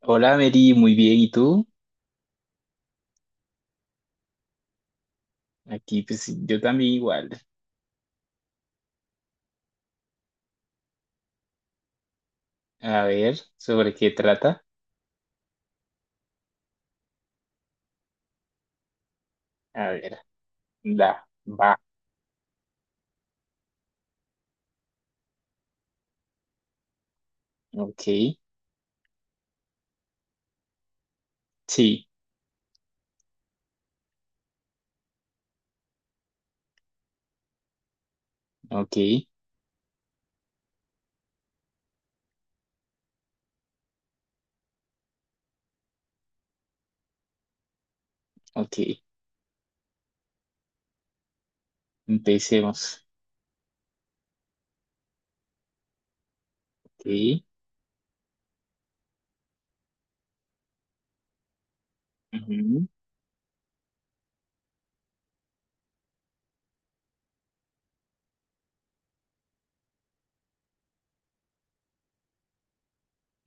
Hola Mary, muy bien, ¿y tú? Aquí pues yo también igual. A ver, ¿sobre qué trata? A ver, la, va, ok, sí, ok, ok, empecemos. Ok, ujú,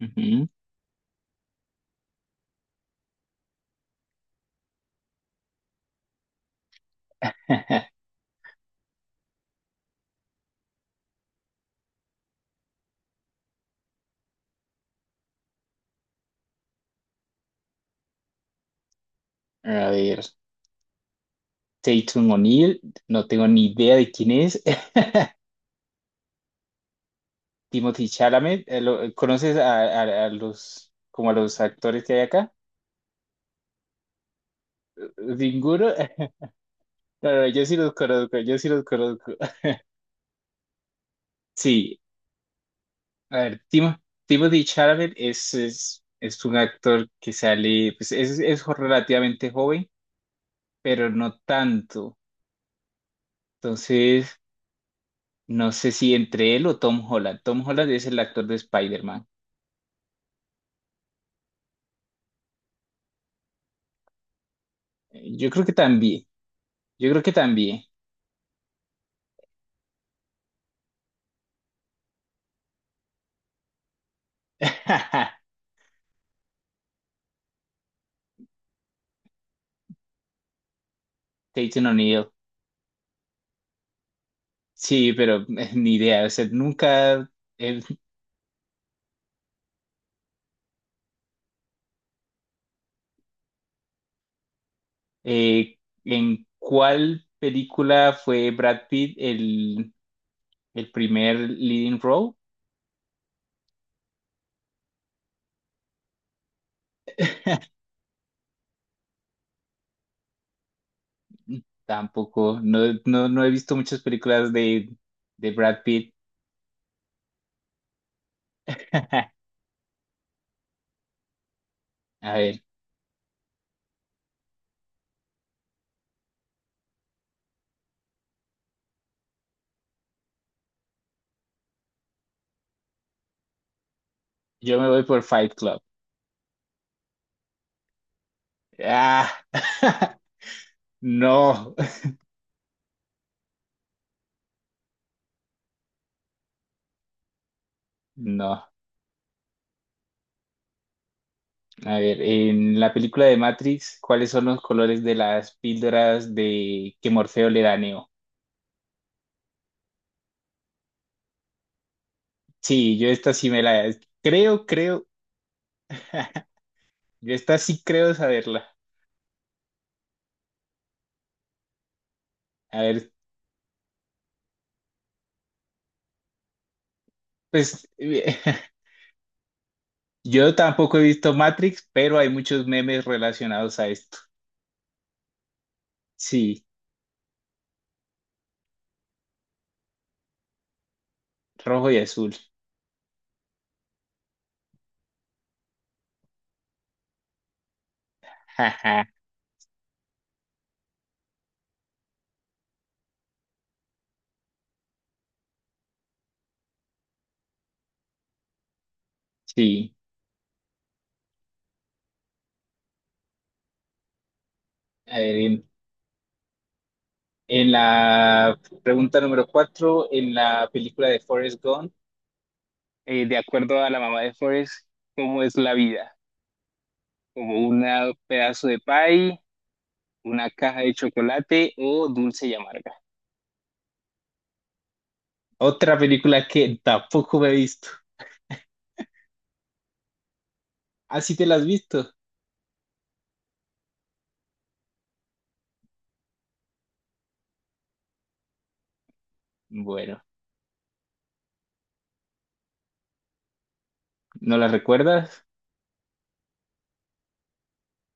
ujú. A ver, Tatum O'Neill, no tengo ni idea de quién es. Timothy Chalamet, lo- ¿conoces a los, como a los actores que hay acá? ¿Ninguno? No, no, yo sí los conozco, yo sí los conozco. Sí, a ver, Timo, Timothy Chalamet es un actor que sale, pues es jo- relativamente joven, pero no tanto. Entonces, no sé si entre él o Tom Holland. Tom Holland es el actor de Spider-Man. Yo creo que también, yo creo que también. Tatum O'Neill. Sí, pero ni idea. O sea, nunca, eh, eh, ¿en cuál película fue Brad Pitt el primer leading role? Tampoco, no, no, no he visto muchas películas de Brad Pitt. A ver, yo me voy por Fight Club. Ah, no, no. A ver, en la película de Matrix, ¿cuáles son los colores de las píldoras de que Morfeo le da a Neo? Sí, yo esta sí me la creo, creo. Yo esta sí creo saberla. A ver, pues yo tampoco he visto Matrix, pero hay muchos memes relacionados a esto. Sí. Rojo y azul. Jaja, sí. A ver, en, en la pregunta número cuatro, en la película de Forrest Gump, de acuerdo a la mamá de Forrest, ¿cómo es la vida? ¿Como un pedazo de pie, una caja de chocolate o dulce y amarga? Otra película que tampoco me he visto. ¿Ah, sí te la has visto? Bueno, ¿no la recuerdas?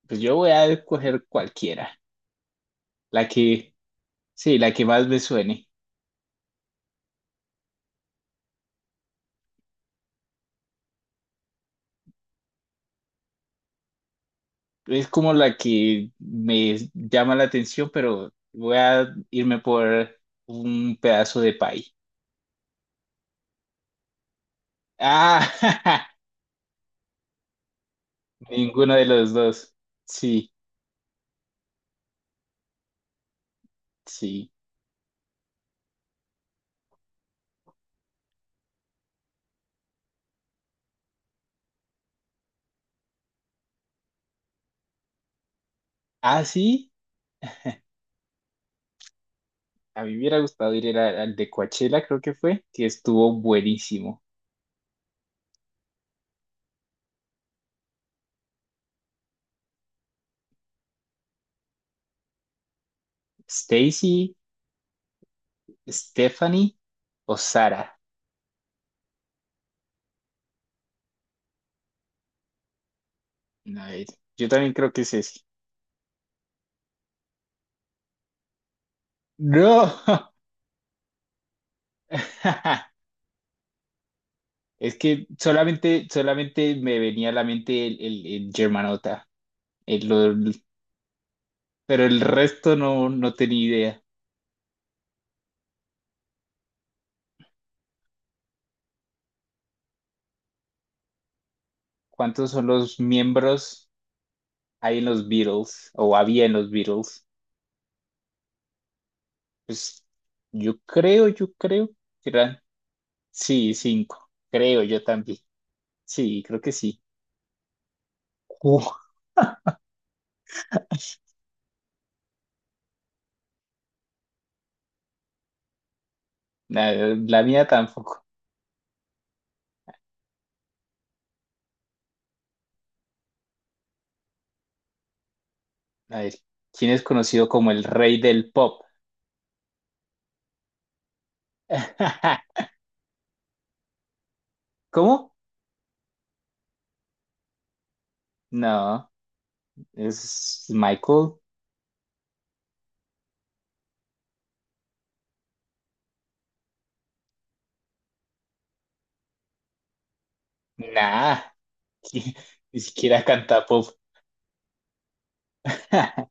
Pues yo voy a escoger cualquiera, la que, sí, la que más me suene. Es como la que me llama la atención, pero voy a irme por un pedazo de pay. Ah, ninguno de los dos. Sí, sí. Ah, sí. A mí me hubiera gustado ir a- al de Coachella, creo que fue, que estuvo buenísimo. Stacy, Stephanie o Sara. A ver, yo también creo que es ese. No. Es que solamente, solamente me venía a la mente el Germanota. El- lo- pero el resto no, no tenía idea. ¿Cuántos son los miembros hay en los Beatles o había en los Beatles? Pues yo creo que eran, sí, cinco. Creo yo también. Sí, creo que sí. Uf, la mía tampoco. A ver, ¿quién es conocido como el rey del pop? ¿Cómo? No, es Michael. Nah, ni siquiera canta pop.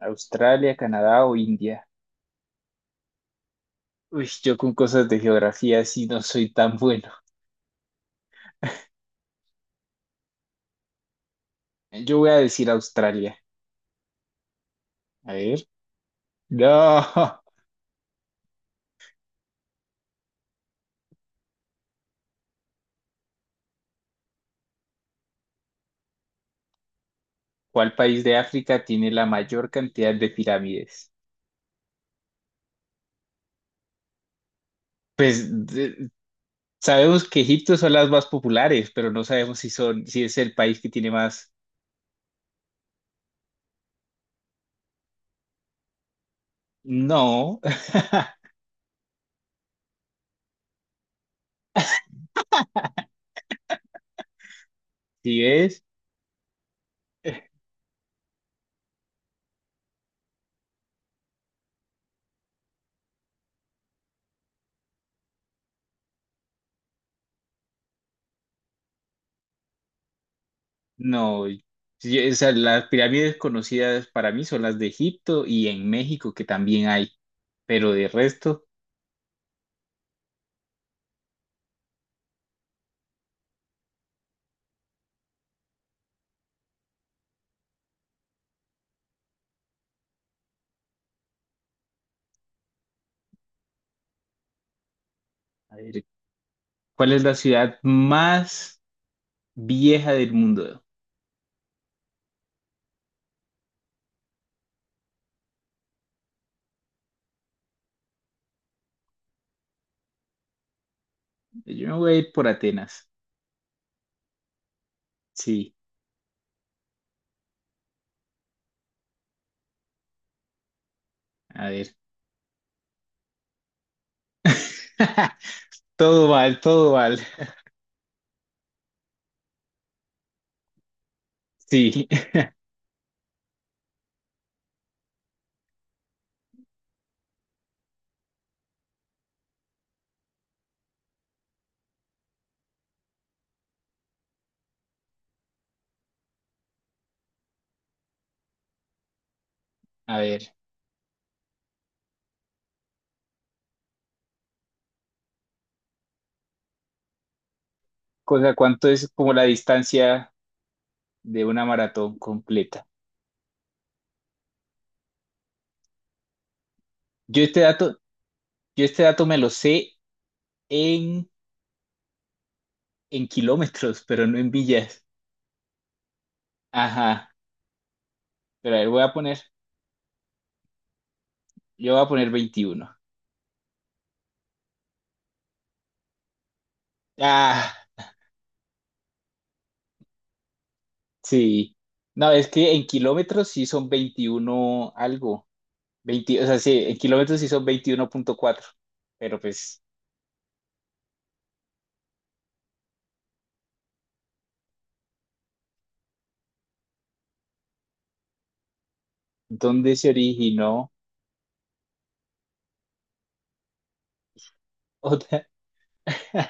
Australia, Canadá o India. Uy, yo con cosas de geografía sí no soy tan bueno. Yo voy a decir Australia. A ver. No. ¿Cuál país de África tiene la mayor cantidad de pirámides? Pues de- sabemos que Egipto son las más populares, pero no sabemos si son, si es el país que tiene más. No. ¿Sí es? No. Sí, o sea, las pirámides conocidas para mí son las de Egipto y en México, que también hay. Pero de resto, a ver, ¿cuál es la ciudad más vieja del mundo? Yo me voy a ir por Atenas. Sí, a ver. Todo mal, todo mal. Sí, a ver. Cosa, ¿cuánto es como la distancia de una maratón completa? Yo este dato, yo este dato me lo sé en, en kilómetros, pero no en millas. Ajá. Pero a ver, voy a poner, yo voy a poner 21. Ah, sí. No, es que en kilómetros sí son 21 algo. 20, o sea, sí, en kilómetros hizo 21,4, pero pues, ¿dónde se originó otra?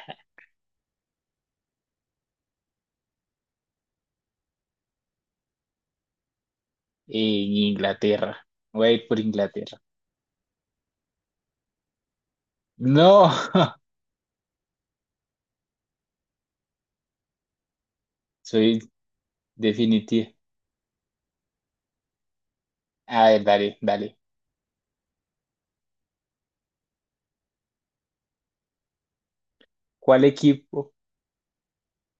En Inglaterra. Voy a ir por Inglaterra. No, soy definitiva. A ver, dale, dale. ¿Cuál equipo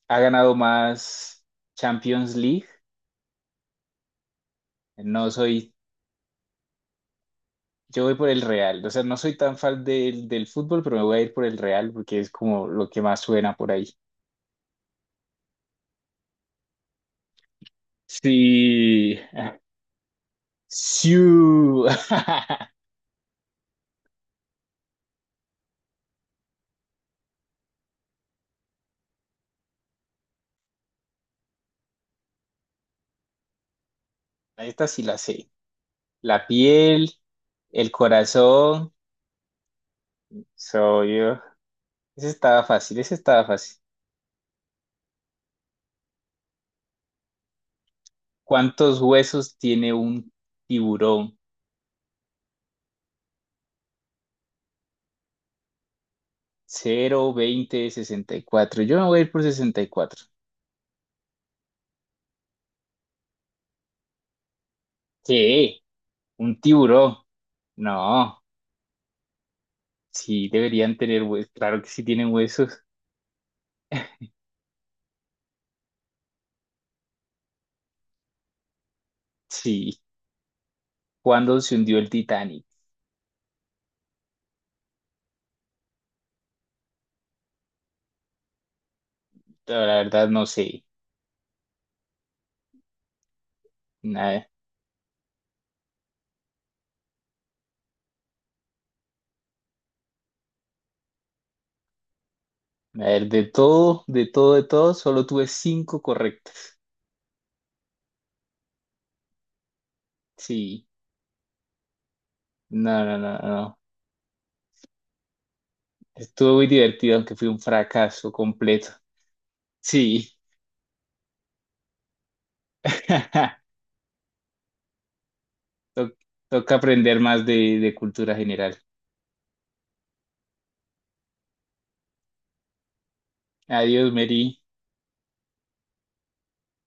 ha ganado más Champions League? No soy, yo voy por el Real. O sea, no soy tan fan del fútbol, pero me voy a ir por el Real porque es como lo que más suena por ahí. Sí, sí. Esta sí la sé. La piel, el corazón, soy yo. Ese estaba fácil, ese estaba fácil. ¿Cuántos huesos tiene un tiburón? Cero, 20, 64. Yo me voy a ir por 64. ¿Qué? ¿Un tiburón? No, sí, deberían tener huesos. Claro que sí tienen huesos. Sí. ¿Cuándo se hundió el Titanic? No, la verdad no sé. Nada. A ver, de todo, de todo, de todo, solo tuve cinco correctas. Sí. No, no, no, no. Estuvo muy divertido, aunque fue un fracaso completo. Sí. To- toca aprender más de cultura general. Adiós, Mary.